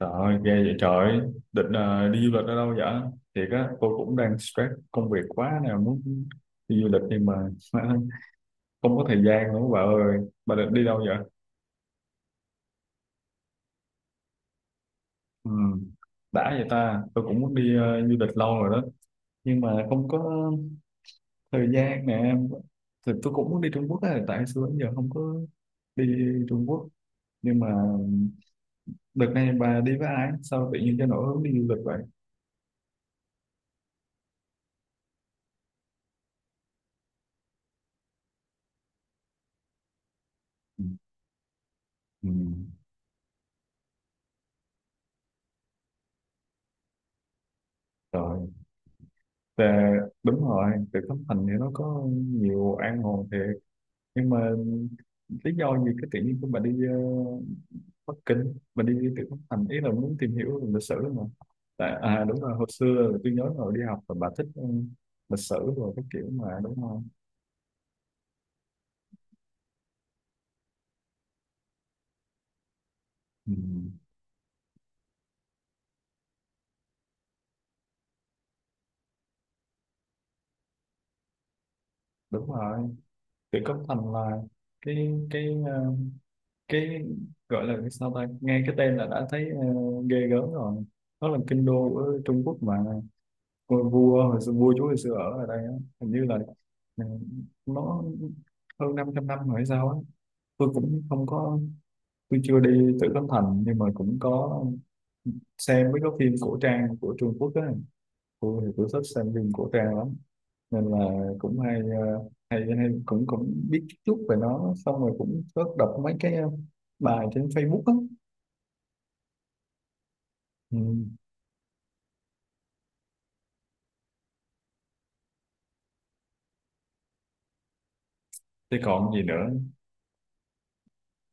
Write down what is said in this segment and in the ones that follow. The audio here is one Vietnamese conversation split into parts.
Trời ơi, ghê vậy trời ơi. Định đi du lịch ở đâu vậy? Thiệt á, tôi cũng đang stress công việc quá nè, muốn đi du lịch nhưng mà không có thời gian nữa bà ơi. Bà định đi đâu vậy? Ừ, đã vậy ta, tôi cũng muốn đi du lịch lâu rồi đó, nhưng mà không có thời gian nè. Thì tôi cũng muốn đi Trung Quốc á, tại xưa đến giờ không có đi Trung Quốc. Nhưng mà đợt này bà đi với ai? Sao tự nhiên cho nổi hứng đi du lịch vậy? Ừ, ừ. Rồi. Dạ, đúng rồi, từ Thất Thành thì nó có nhiều an hồn thiệt. Nhưng mà lý do gì cái tự nhiên của bà đi Bắc Kinh, bà đi từ Thất Thành, ý là muốn tìm hiểu lịch sử mà. Tại, à đúng rồi, hồi xưa tôi nhớ rồi đi học là bà thích lịch sử rồi cái kiểu mà đúng không? Ừ, đúng rồi, từ Thất Thành là cái cái gọi là cái sao ta, nghe cái tên là đã thấy ghê gớm rồi. Nó là kinh đô của Trung Quốc mà, ngôi vua hồi xưa, vua chúa hồi xưa ở ở đây á, hình như là ừ, nó hơn 500 năm rồi hay sao á. Tôi cũng không có, tôi chưa đi Tử Cấm Thành nhưng mà cũng có xem mấy cái phim cổ trang của Trung Quốc á. Tôi thì tôi thích xem phim cổ trang lắm, nên là cũng hay ờ, hay hay cũng cũng biết chút chút về nó, xong rồi cũng có đọc mấy cái bài trên Facebook á. Ừ. Thế còn gì nữa.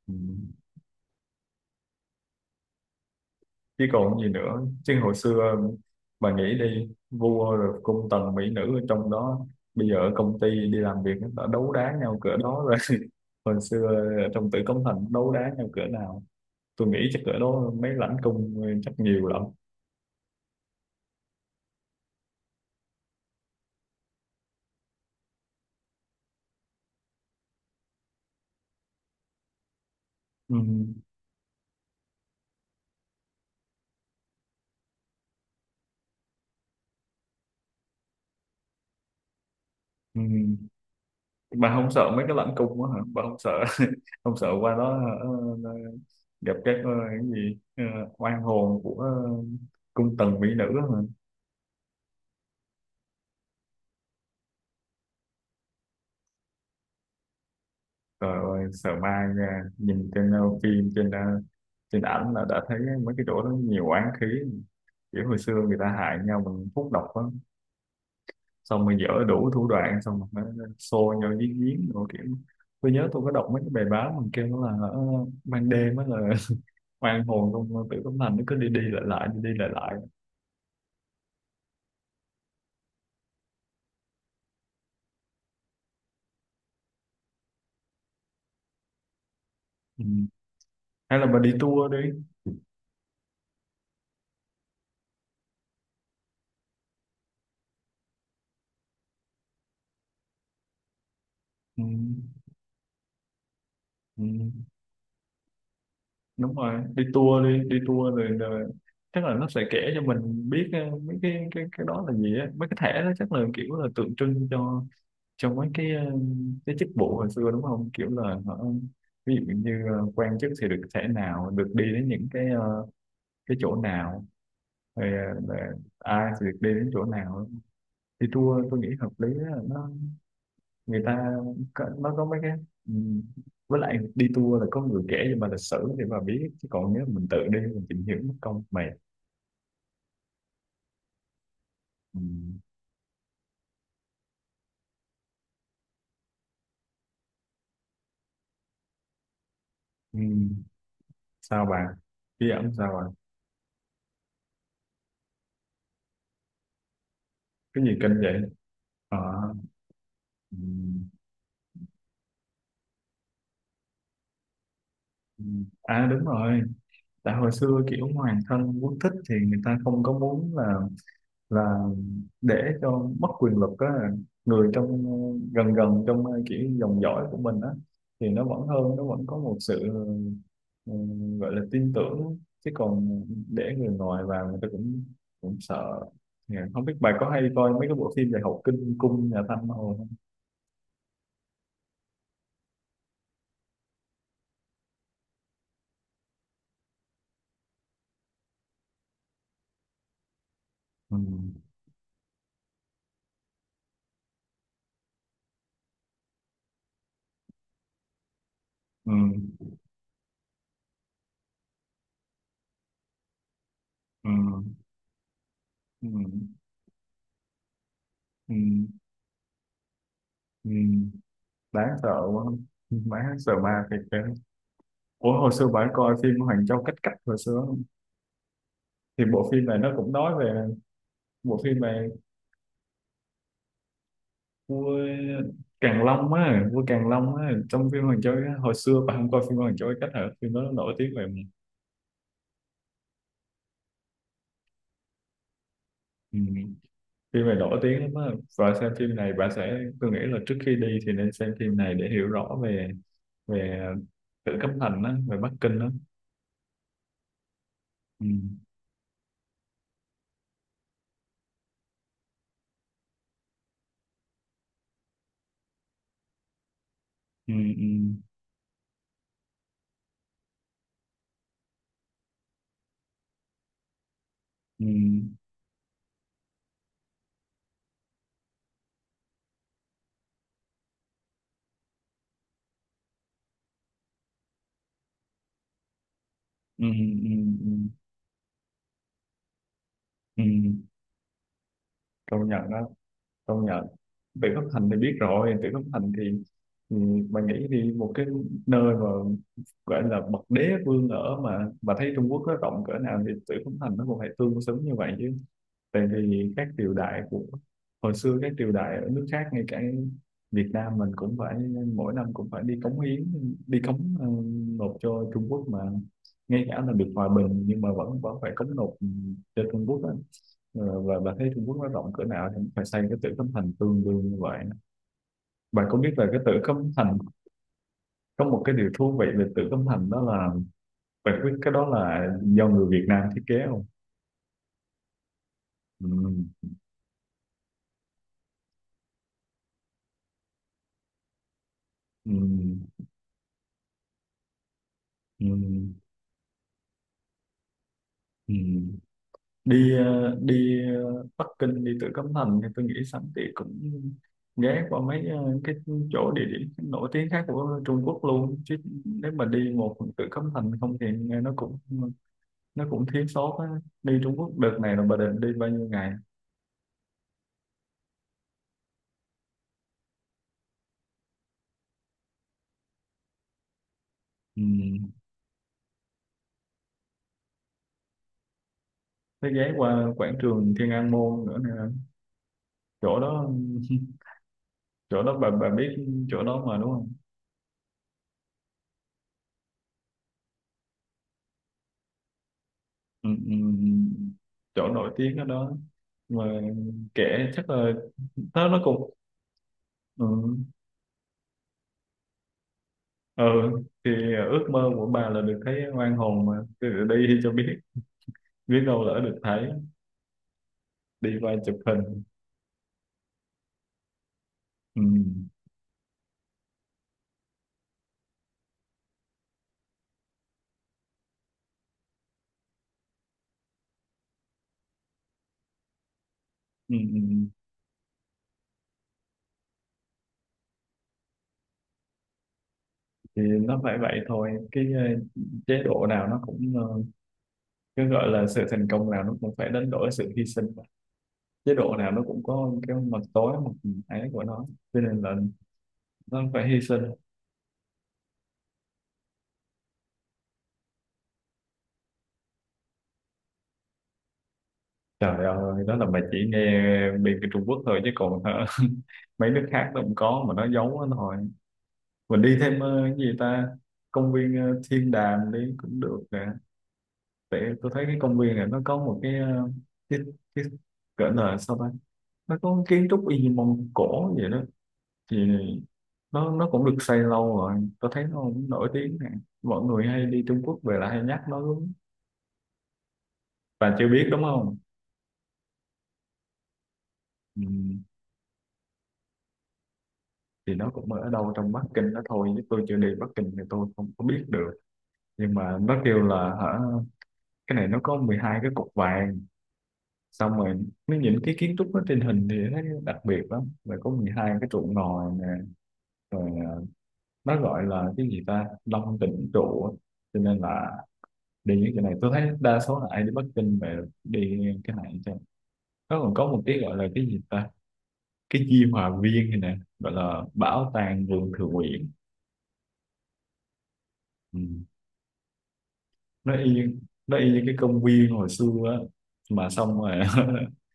Ừ. Chứ còn gì nữa chứ, hồi xưa bà nghĩ đi, vua rồi cung tần mỹ nữ ở trong đó, bây giờ ở công ty đi làm việc nó đã đấu đá nhau cỡ đó rồi hồi xưa ở trong Tử Cấm Thành đấu đá nhau cỡ nào, tôi nghĩ chắc cỡ đó mấy lãnh cung chắc nhiều lắm. Ừ. Ừ. Bà không sợ mấy cái lãnh cung đó hả, bà không sợ không sợ qua đó hả? ờ, Gặp các cái gì, oan hồn của cung tần mỹ nữ hả? Trời ơi, sợ ma nha. Nhìn trên phim, trên trên ảnh là đã thấy mấy cái chỗ đó nhiều oán khí. Kiểu hồi xưa người ta hại nhau bằng thuốc độc á. Xong rồi dở đủ thủ đoạn, xong rồi nó xô nhau giếng giếng. Rồi kiểu, tôi nhớ tôi có đọc mấy cái bài báo mà kêu là ban đêm á là oan hồn trong Tử Cấm Thành nó cứ đi đi lại lại, đi đi lại lại. Ừ. Hay là bà đi tour đi. Ừ. Ừ. Đúng rồi, đi tour đi, đi tour rồi, rồi chắc là nó sẽ kể cho mình biết mấy cái cái đó là gì á, mấy cái thẻ đó chắc là kiểu là tượng trưng cho mấy cái cái chức vụ hồi xưa đúng không, kiểu là họ ví dụ như quan chức thì được thẻ nào, được đi đến những cái cái chỗ nào, rồi là ai thì được đi đến chỗ nào. Đi tour tôi nghĩ hợp lý á, nó người ta có, nó có mấy cái ừm, với lại đi tour là có người kể cho mà lịch sử để mà biết, chứ còn nếu mình tự đi mình tìm hiểu mất công mệt. Ừm, ừm, sao bà, bí ẩn sao bà, cái gì kinh vậy? Ờ, ừm, ừm. À đúng rồi, tại hồi xưa kiểu hoàng thân quốc thích thì người ta không có muốn là để cho mất quyền lực á, người trong gần gần trong kiểu dòng dõi của mình á thì nó vẫn hơn, nó vẫn có một sự ừ, gọi là tin tưởng, chứ còn để người ngoài vào người ta cũng cũng sợ. Dạ, không biết bà có hay coi mấy cái bộ phim về Hậu Kinh Cung nhà Thanh hồi không. Ừ. Ừ. Ừ. Ừ. Ừ. Ừ. Đáng sợ quá, đáng sợ ma thiệt kìa. Ủa hồi xưa bà coi phim Hoàng Châu Cách Cách hồi xưa, thì bộ phim này nó cũng nói về, bộ phim này vua Càn Long á, vua Càn Long á trong phim Hoàng Châu á, hồi xưa bạn không coi phim Hoàng Châu Cách hả, phim đó nó nổi tiếng về ừ, phim này nổi tiếng lắm á, và xem phim này bạn sẽ, tôi nghĩ là trước khi đi thì nên xem phim này để hiểu rõ về về Tử Cấm Thành á, về Bắc Kinh á. Ừ, ừ, ừ, ừ, ừ, ừ, ừ, ừ. Công nhận đó, công nhận. Vịnh Phúc Thành thì biết rồi, Vịnh Phúc Thành thì ừ, bạn nghĩ đi, một cái nơi mà gọi là bậc đế vương ở, mà thấy Trung Quốc nó rộng cỡ nào thì Vịnh Phúc Thành nó cũng phải tương xứng như vậy chứ. Tại vì các triều đại của hồi xưa, các triều đại ở nước khác ngay cả Việt Nam mình cũng phải mỗi năm cũng phải đi cống hiến, đi cống nộp cho Trung Quốc mà, ngay cả là được hòa bình nhưng mà vẫn vẫn phải cống nộp cho Trung Quốc á. Ờ, và bà thấy Trung Quốc nó rộng cỡ nào thì phải xây cái Tử Cấm Thành tương đương như vậy. Bạn có biết là cái Tử Cấm Thành, có một cái điều thú vị về Tử Cấm Thành đó là bạn biết cái đó là do người Việt Nam thiết kế không? Ừ, ừ, ừ, ừ. Đi đi Bắc Kinh, đi Tử Cấm Thành thì tôi nghĩ sẵn thì cũng ghé qua mấy cái chỗ địa điểm nổi tiếng khác của Trung Quốc luôn chứ, nếu mà đi một Tử Cấm Thành không thì nghe nó cũng thiếu sót á. Đi Trung Quốc đợt này là bà định đi bao nhiêu ngày? Ừ. Thế ghé qua quảng trường Thiên An Môn nữa nè, chỗ đó chỗ đó bà biết chỗ đó mà đúng không? Ừ, ừ, chỗ nổi tiếng ở đó mà, kể chắc là nó cũng ừ. Ừ, thì ước mơ của bà là được thấy oan hồn mà, cứ đi cho biết, biết đâu lỡ được thấy, đi quay chụp hình. Ừ. Ừ. Ừ. Thì nó phải vậy thôi, cái chế độ nào nó cũng cứ gọi là sự thành công nào nó cũng phải đánh đổi sự hy sinh mà. Chế độ nào nó cũng có cái mặt tối, mặt ấy của nó, cho nên là nó phải hy sinh. Trời ơi, đó là bà chỉ nghe bên cái Trung Quốc thôi chứ còn hả, mấy nước khác nó cũng có mà nó giấu nó thôi. Mình đi thêm cái gì ta, công viên Thiên Đàm đi cũng được nè, tại tôi thấy cái công viên này nó có một cái cái cái gọi là sao ta, nó có kiến trúc y như Mông Cổ vậy đó, thì nó cũng được xây lâu rồi, tôi thấy nó cũng nổi tiếng nè, mọi người hay đi Trung Quốc về là hay nhắc nó lắm, bạn chưa biết đúng không? Ừ. Thì nó cũng ở đâu trong Bắc Kinh đó thôi chứ tôi chưa đi Bắc Kinh thì tôi không có biết được, nhưng mà nó kêu là hả, cái này nó có 12 cái cục vàng, xong rồi nó những cái kiến trúc nó trên hình thì thấy đặc biệt lắm, rồi có 12 cái trụ ngòi nè rồi nó gọi là cái gì ta, Long Tỉnh trụ á. Cho nên là đi những cái này tôi thấy đa số là ai đi Bắc Kinh về đi cái này chứ. Nó còn có một cái gọi là cái gì ta, cái Di Hòa Viên này nè, gọi là bảo tàng vườn thượng uyển. Ừ. Nó y, nó y như cái công viên hồi xưa á, mà xong rồi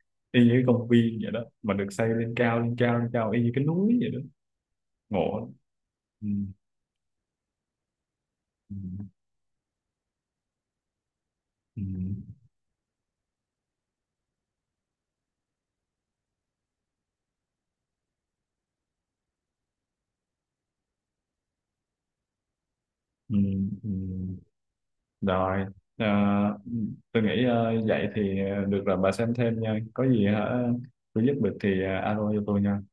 y như cái công viên vậy đó, mà được xây lên cao lên cao lên cao y như cái núi vậy đó, ngộ lắm. Ừ. Ừ, ừ, ừ, ừ. Rồi, ờ, tôi nghĩ vậy thì được rồi, bà xem thêm nha. Có gì hả, tôi giúp được thì alo cho tôi nha.